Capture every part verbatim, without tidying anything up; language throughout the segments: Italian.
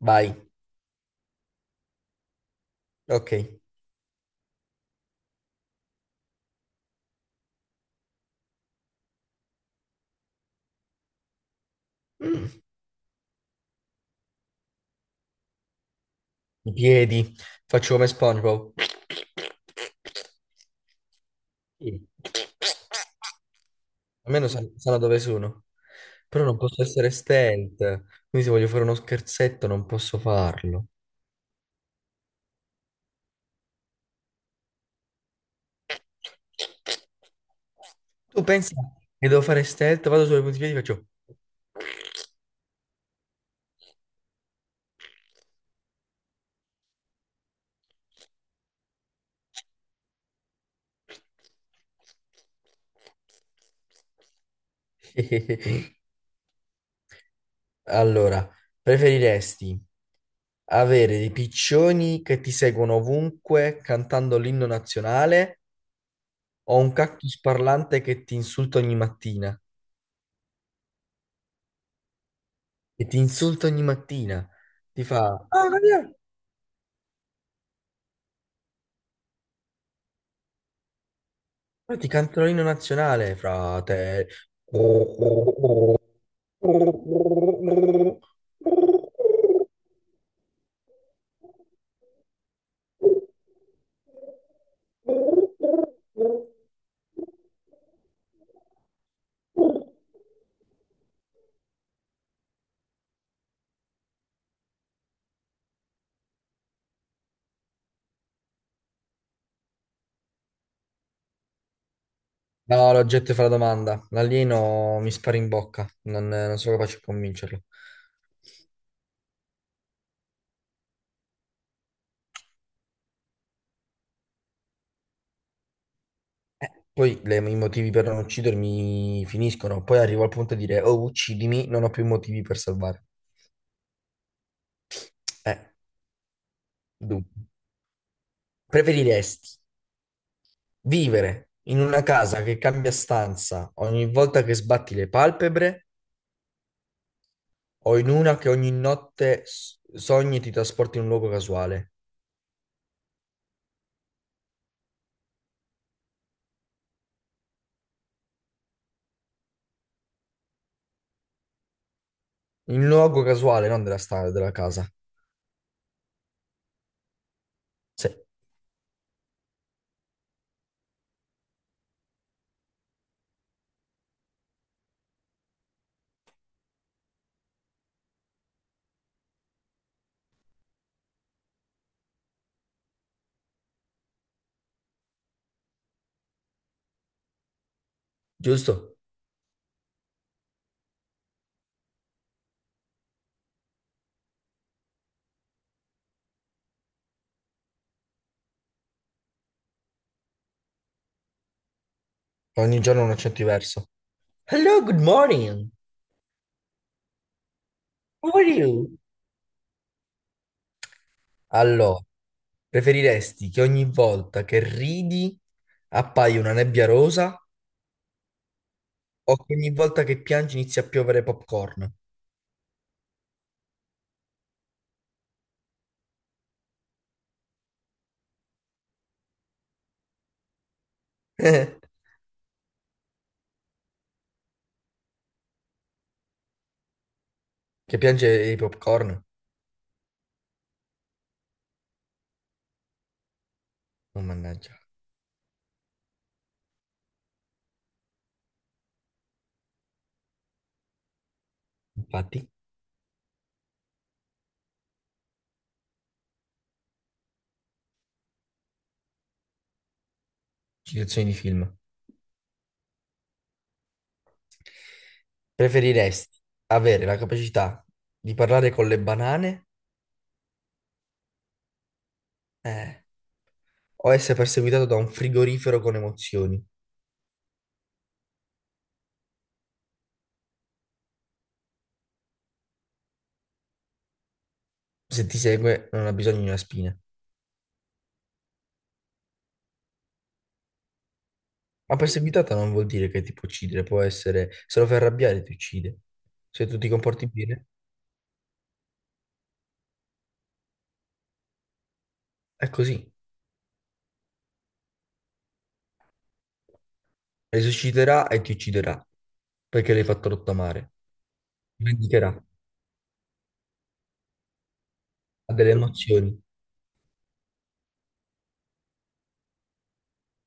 Vai, ok. Mm, I piedi, faccio come SpongeBob. Sì, almeno san- sanno dove sono. Però non posso essere stealth. Quindi se voglio fare uno scherzetto non posso farlo. Tu pensi che devo fare stealth? Vado sulle punti piedi e faccio... Allora, preferiresti avere dei piccioni che ti seguono ovunque cantando l'inno nazionale o un cactus parlante che ti insulta ogni mattina? E ti insulta ogni mattina. Ti fa, ah, ma via, poi ti canto l'inno nazionale, frate. No, l'oggetto fa la domanda. L'alieno mi spara in bocca. Non, non sono capace a convincerlo. Poi le- i motivi per non uccidermi finiscono, poi arrivo al punto di dire, oh, uccidimi, non ho più motivi per salvare. Eh, dunque, preferiresti vivere in una casa che cambia stanza ogni volta che sbatti le palpebre o in una che ogni notte s- sogni e ti trasporti in un luogo casuale? In un luogo casuale, non della stanza, della casa. Sì, giusto? Ogni giorno un accento diverso. Hello, good morning. How are you? Allora, preferiresti che ogni volta che ridi appaia una nebbia rosa o che ogni volta che piangi inizi a piovere popcorn? Che piange i popcorn? Oh, mannaggia. Infatti, citazioni di film. Preferiresti avere la capacità di parlare con le banane, eh, o essere perseguitato da un frigorifero con emozioni? Se ti segue, non ha bisogno di una spina. Ma perseguitata non vuol dire che ti può uccidere, può essere, se lo fai arrabbiare ti uccide. Se tu ti comporti bene, è così. Risusciterà e ti ucciderà perché l'hai fatto rottamare. Vendicherà. Ha delle emozioni.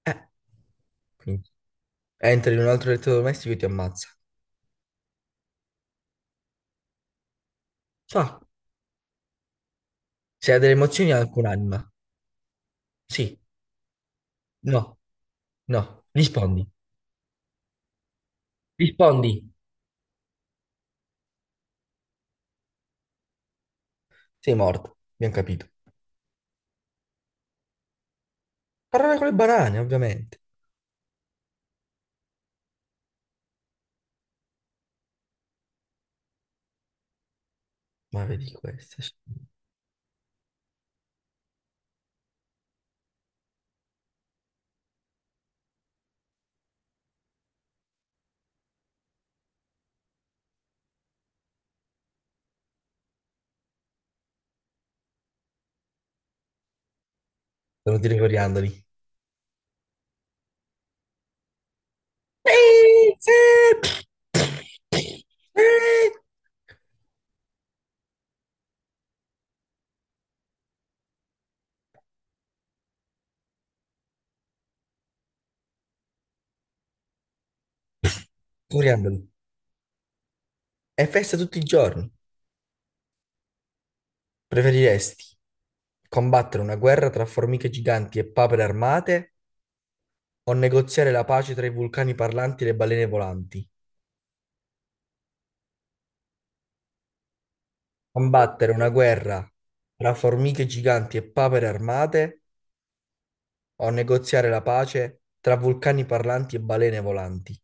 Eh, quindi entra in un altro elettrodomestico e ti ammazza. Fa. Se ha delle emozioni ha anche un'anima. Sì. No. No. Rispondi. Rispondi. Sei morto. Abbiamo capito. Parlare con le banane, ovviamente. Ma vedi queste. Sono tiri coriandoli. Coriandoli. È festa tutti i giorni. Preferiresti combattere una guerra tra formiche giganti e papere armate o negoziare la pace tra i vulcani parlanti e le balene volanti? Combattere una guerra tra formiche giganti e papere armate o negoziare la pace tra vulcani parlanti e balene volanti?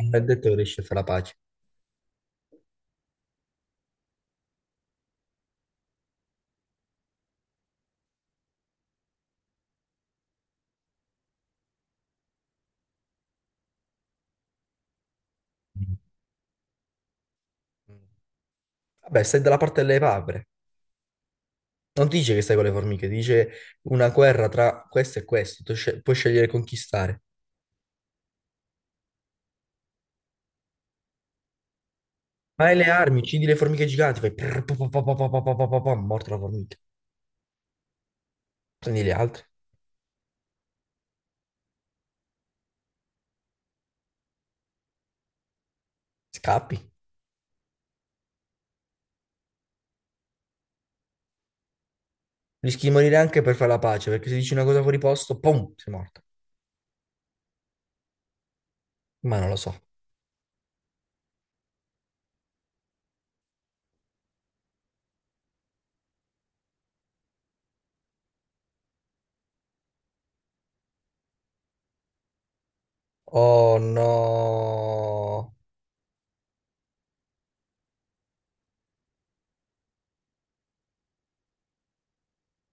Non è detto che riesci a fare la pace. Vabbè, stai dalla parte delle papere. Non ti dice che stai con le formiche, ti dice una guerra tra questo e questo, tu sce- puoi scegliere di conquistare. Ma hai le armi, uccidi le formiche giganti, fai prrr, pa, pa, pa, pa, pa, pa, pa, pa, pa, pa, morta la formica. Prendi gli altri, scappi. Rischi di morire anche per fare la pace, perché se dici una cosa fuori posto, pum, sei morto. Ma non lo so. Oh no.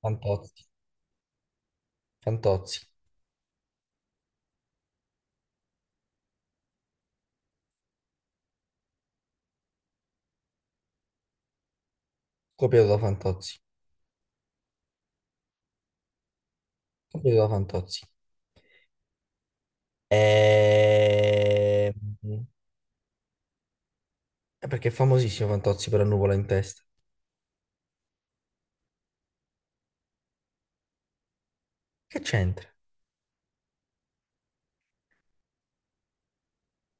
Fantozzi, Fantozzi. Copiato da Fantozzi. Copiato da Fantozzi. E... è perché è famosissimo Fantozzi per la nuvola in testa. Che c'entra?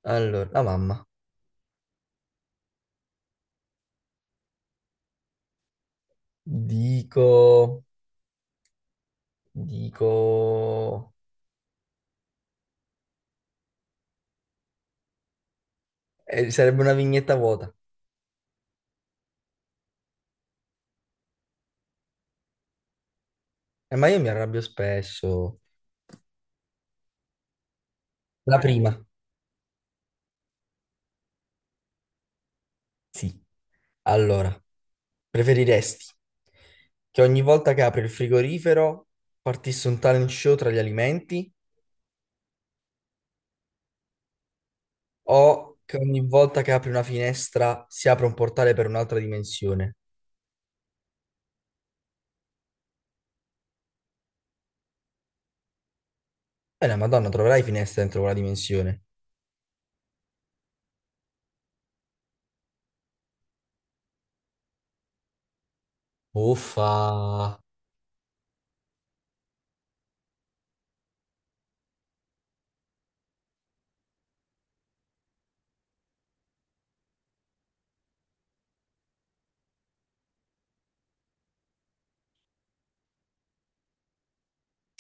Allora, la mamma. Dico... Dico... eh, sarebbe una vignetta vuota. Eh, ma io mi arrabbio spesso. La prima. Sì. Allora, preferiresti che ogni volta che apri il frigorifero partisse un talent show tra gli alimenti o che ogni volta che apri una finestra si apra un portale per un'altra dimensione? Eh, la Madonna, troverai finestre dentro quella dimensione. Uffa!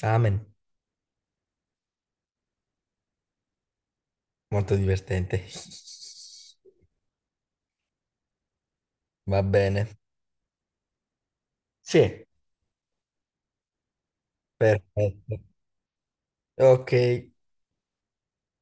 Amen. Molto divertente. Va bene. Sì, perfetto. Ok.